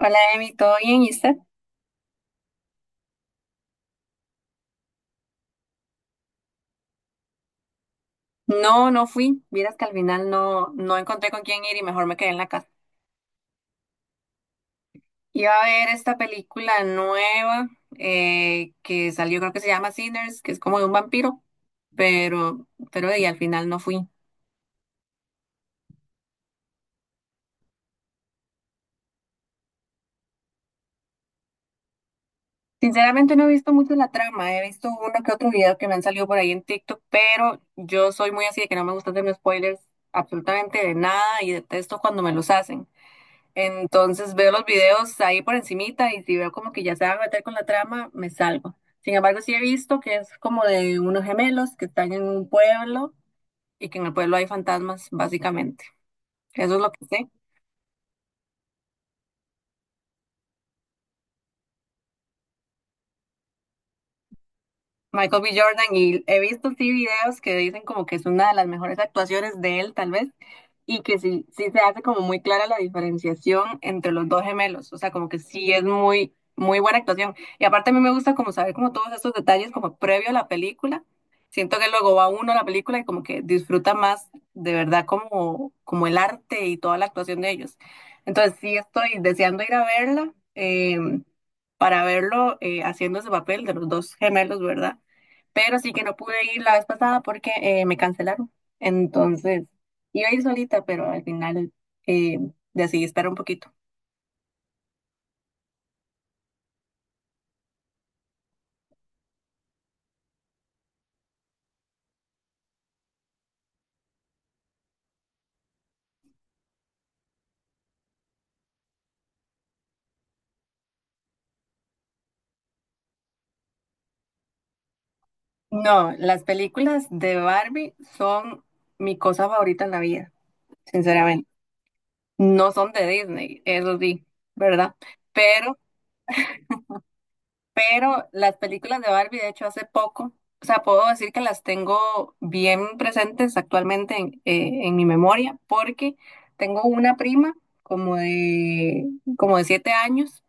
Hola, Emi, ¿todo bien? ¿Y usted? No, no fui. Vieras que al final no encontré con quién ir y mejor me quedé en la casa. Iba a ver esta película nueva que salió, creo que se llama Sinners, que es como de un vampiro, pero y al final no fui. Sinceramente no he visto mucho la trama, he visto uno que otro video que me han salido por ahí en TikTok, pero yo soy muy así de que no me gusta hacerme spoilers absolutamente de nada y detesto cuando me los hacen. Entonces veo los videos ahí por encimita y si veo como que ya se van a meter con la trama, me salgo. Sin embargo, sí he visto que es como de unos gemelos que están en un pueblo y que en el pueblo hay fantasmas, básicamente. Eso es lo que sé. Michael B. Jordan, y he visto sí videos que dicen como que es una de las mejores actuaciones de él, tal vez, y que sí, sí se hace como muy clara la diferenciación entre los dos gemelos, o sea, como que sí es muy, muy buena actuación. Y aparte a mí me gusta como saber como todos estos detalles como previo a la película. Siento que luego va uno a la película y como que disfruta más de verdad como, como el arte y toda la actuación de ellos. Entonces sí estoy deseando ir a verla. Para verlo haciendo ese papel de los dos gemelos, ¿verdad? Pero sí que no pude ir la vez pasada porque me cancelaron. Entonces, iba a ir solita, pero al final eh, decidí esperar un poquito. No, las películas de Barbie son mi cosa favorita en la vida, sinceramente. No son de Disney, eso sí, ¿verdad? Pero Pero las películas de Barbie, de hecho, hace poco, o sea, puedo decir que las tengo bien presentes actualmente en mi memoria, porque tengo una prima como de, como de 7 años,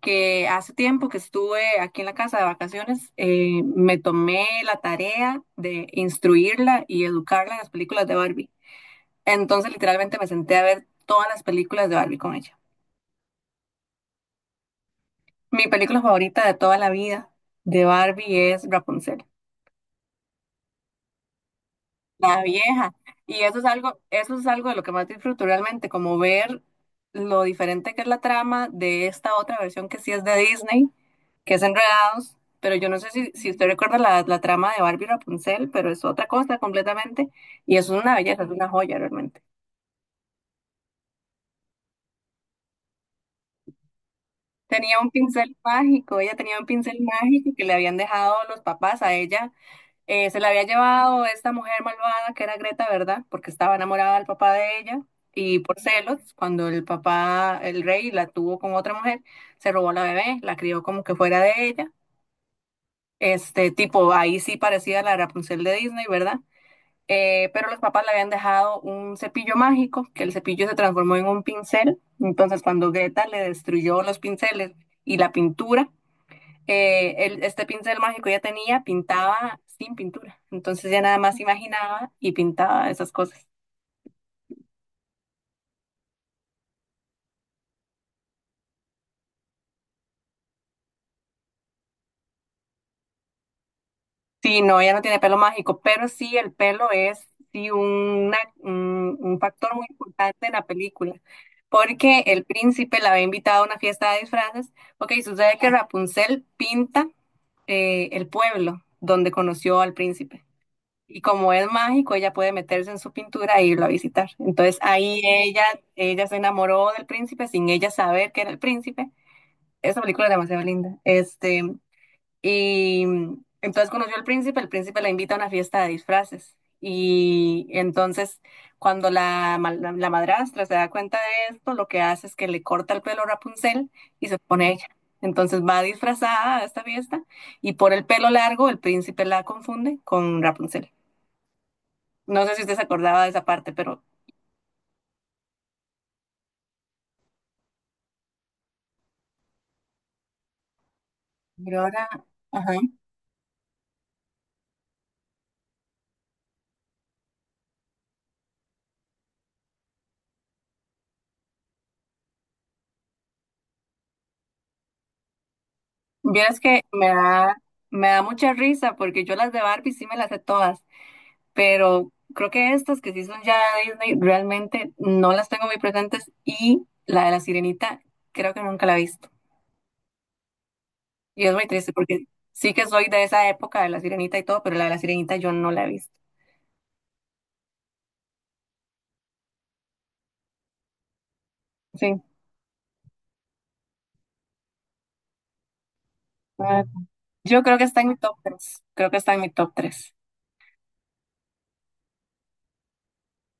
que hace tiempo que estuve aquí en la casa de vacaciones, me tomé la tarea de instruirla y educarla en las películas de Barbie. Entonces, literalmente me senté a ver todas las películas de Barbie con ella. Mi película favorita de toda la vida de Barbie es Rapunzel. La vieja. Y eso es algo de lo que más disfruto realmente, como ver lo diferente que es la trama de esta otra versión que sí es de Disney, que es Enredados, pero yo no sé si, si usted recuerda la trama de Barbie y Rapunzel, pero es otra cosa completamente, y eso es una belleza, es una joya realmente. Tenía un pincel mágico, ella tenía un pincel mágico que le habían dejado los papás a ella. Se la había llevado esta mujer malvada que era Greta, ¿verdad? Porque estaba enamorada del papá de ella y por celos, cuando el papá, el rey, la tuvo con otra mujer, se robó la bebé, la crió como que fuera de ella. Este tipo, ahí sí parecía la Rapunzel de Disney, ¿verdad? Pero los papás le habían dejado un cepillo mágico, que el cepillo se transformó en un pincel. Entonces, cuando Greta le destruyó los pinceles y la pintura, este pincel mágico ya tenía, pintaba sin pintura. Entonces ya nada más imaginaba y pintaba esas cosas. Sí, no, ella no tiene pelo mágico, pero sí el pelo es sí un factor muy importante en la película, porque el príncipe la había invitado a una fiesta de disfraces. Ok, sucede que Rapunzel pinta el pueblo donde conoció al príncipe. Y como es mágico, ella puede meterse en su pintura e irlo a visitar. Entonces ahí ella se enamoró del príncipe sin ella saber que era el príncipe. Esa película es demasiado linda. Y entonces conoció al príncipe, el príncipe la invita a una fiesta de disfraces. Y entonces, cuando la madrastra se da cuenta de esto, lo que hace es que le corta el pelo a Rapunzel y se pone ella. Entonces va disfrazada a esta fiesta y por el pelo largo el príncipe la confunde con Rapunzel. No sé si usted se acordaba de esa parte, pero ahora, ajá. Vieras que me da mucha risa porque yo las de Barbie sí me las sé todas, pero creo que estas que sí son ya de Disney realmente no las tengo muy presentes, y la de la Sirenita creo que nunca la he visto. Y es muy triste porque sí que soy de esa época de la Sirenita y todo, pero la de la Sirenita yo no la he visto. Sí. Ah, yo creo que está en mi top tres. Creo que está en mi top tres.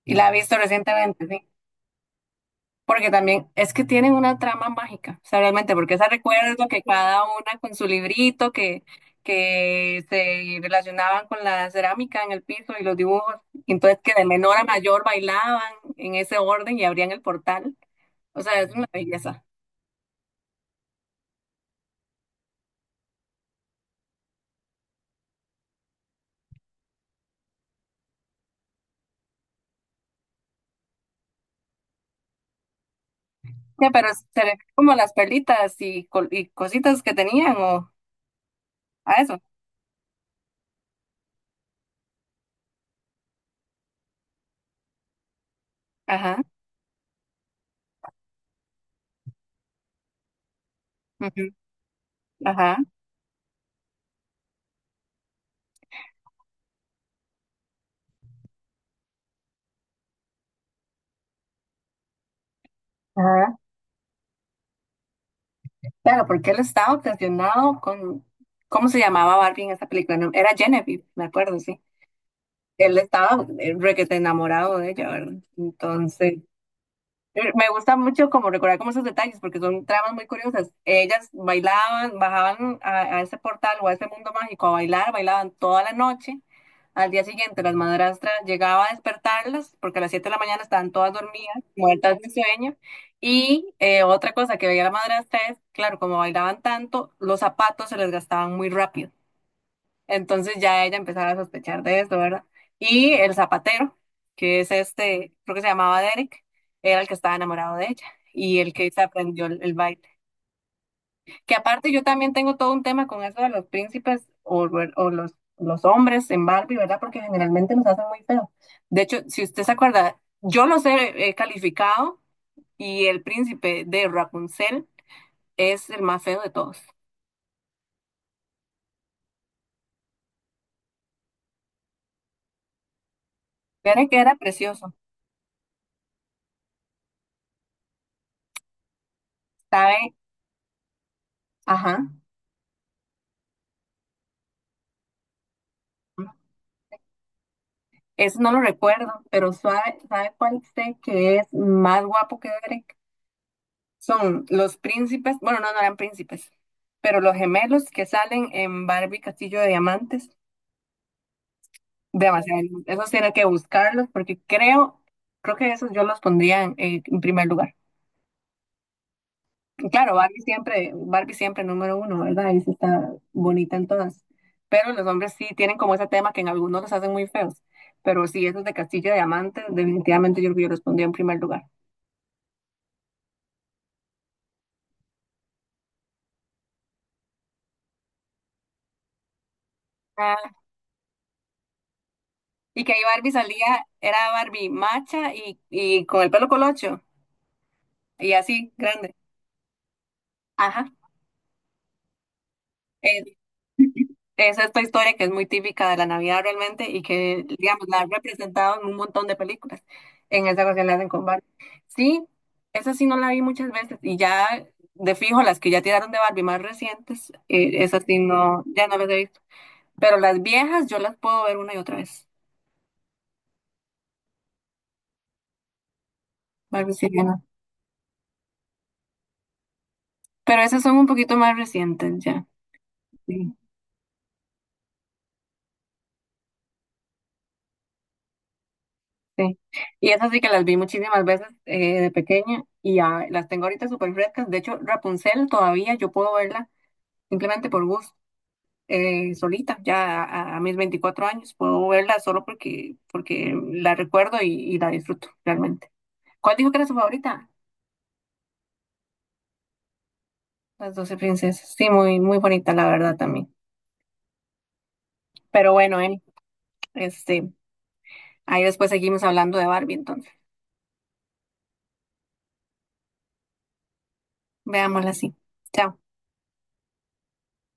Y la he visto recientemente, sí. Porque también es que tienen una trama mágica, o sea, realmente, porque esa recuerdo que cada una con su librito, que se relacionaban con la cerámica en el piso y los dibujos, y entonces que de menor a mayor bailaban en ese orden y abrían el portal, o sea, es una belleza. Ya, pero se refiere como a las perlitas y, col- y cositas que tenían o a eso. Ajá, ujú, ajá, ajá. Claro, porque él estaba obsesionado con, ¿cómo se llamaba Barbie en esa película? No, era Genevieve, me acuerdo, sí. Él estaba requete enamorado de ella, ¿verdad? Entonces, me gusta mucho como recordar como esos detalles, porque son tramas muy curiosas. Ellas bailaban, bajaban a ese portal o a ese mundo mágico a bailar, bailaban toda la noche. Al día siguiente, las madrastras llegaba a despertarlas, porque a las 7 de la mañana estaban todas dormidas, muertas de sueño. Y otra cosa que veía la madrastra es, claro, como bailaban tanto, los zapatos se les gastaban muy rápido. Entonces ya ella empezaba a sospechar de esto, ¿verdad? Y el zapatero, que es este, creo que se llamaba Derek, era el que estaba enamorado de ella y el que se aprendió el baile. Que aparte yo también tengo todo un tema con eso de los príncipes o los hombres en Barbie, ¿verdad? Porque generalmente nos hacen muy feo. De hecho, si usted se acuerda, yo los he calificado y el príncipe de Rapunzel es el más feo de todos. Derek era precioso, ¿sabe? Ajá. Eso no lo recuerdo, pero ¿sabe cuál sé que es más guapo que Derek? Son los príncipes, bueno, no, no eran príncipes, pero los gemelos que salen en Barbie Castillo de Diamantes. Demasiado, esos tiene que buscarlos porque creo que esos yo los pondría en primer lugar. Y claro, Barbie siempre número uno, ¿verdad? Ahí sí está bonita en todas. Pero los hombres sí tienen como ese tema que en algunos los hacen muy feos. Pero sí, esos de Castillo de Diamantes, definitivamente yo creo que yo los pondría en primer lugar. Y que ahí Barbie salía, era Barbie macha y con el pelo colocho y así, grande. Ajá. Es, es esta historia que es muy típica de la Navidad realmente y que, digamos, la han representado en un montón de películas. En esa ocasión la hacen con Barbie. Sí, esa sí no la vi muchas veces y ya de fijo las que ya tiraron de Barbie más recientes, esas sí no, ya no las he visto. Pero las viejas yo las puedo ver una y otra vez. Barbie sí, ya no. Pero esas son un poquito más recientes ya. Sí. Sí, y esas sí que las vi muchísimas veces de pequeña y ya las tengo ahorita súper frescas. De hecho, Rapunzel todavía yo puedo verla simplemente por gusto, solita, ya a mis 24 años. Puedo verla solo porque la recuerdo y la disfruto realmente. ¿Cuál dijo que era su favorita? Las 12 princesas. Sí, muy, muy bonita, la verdad también. Pero bueno, Eli, este, ahí después seguimos hablando de Barbie, entonces. Veámosla así. Chao.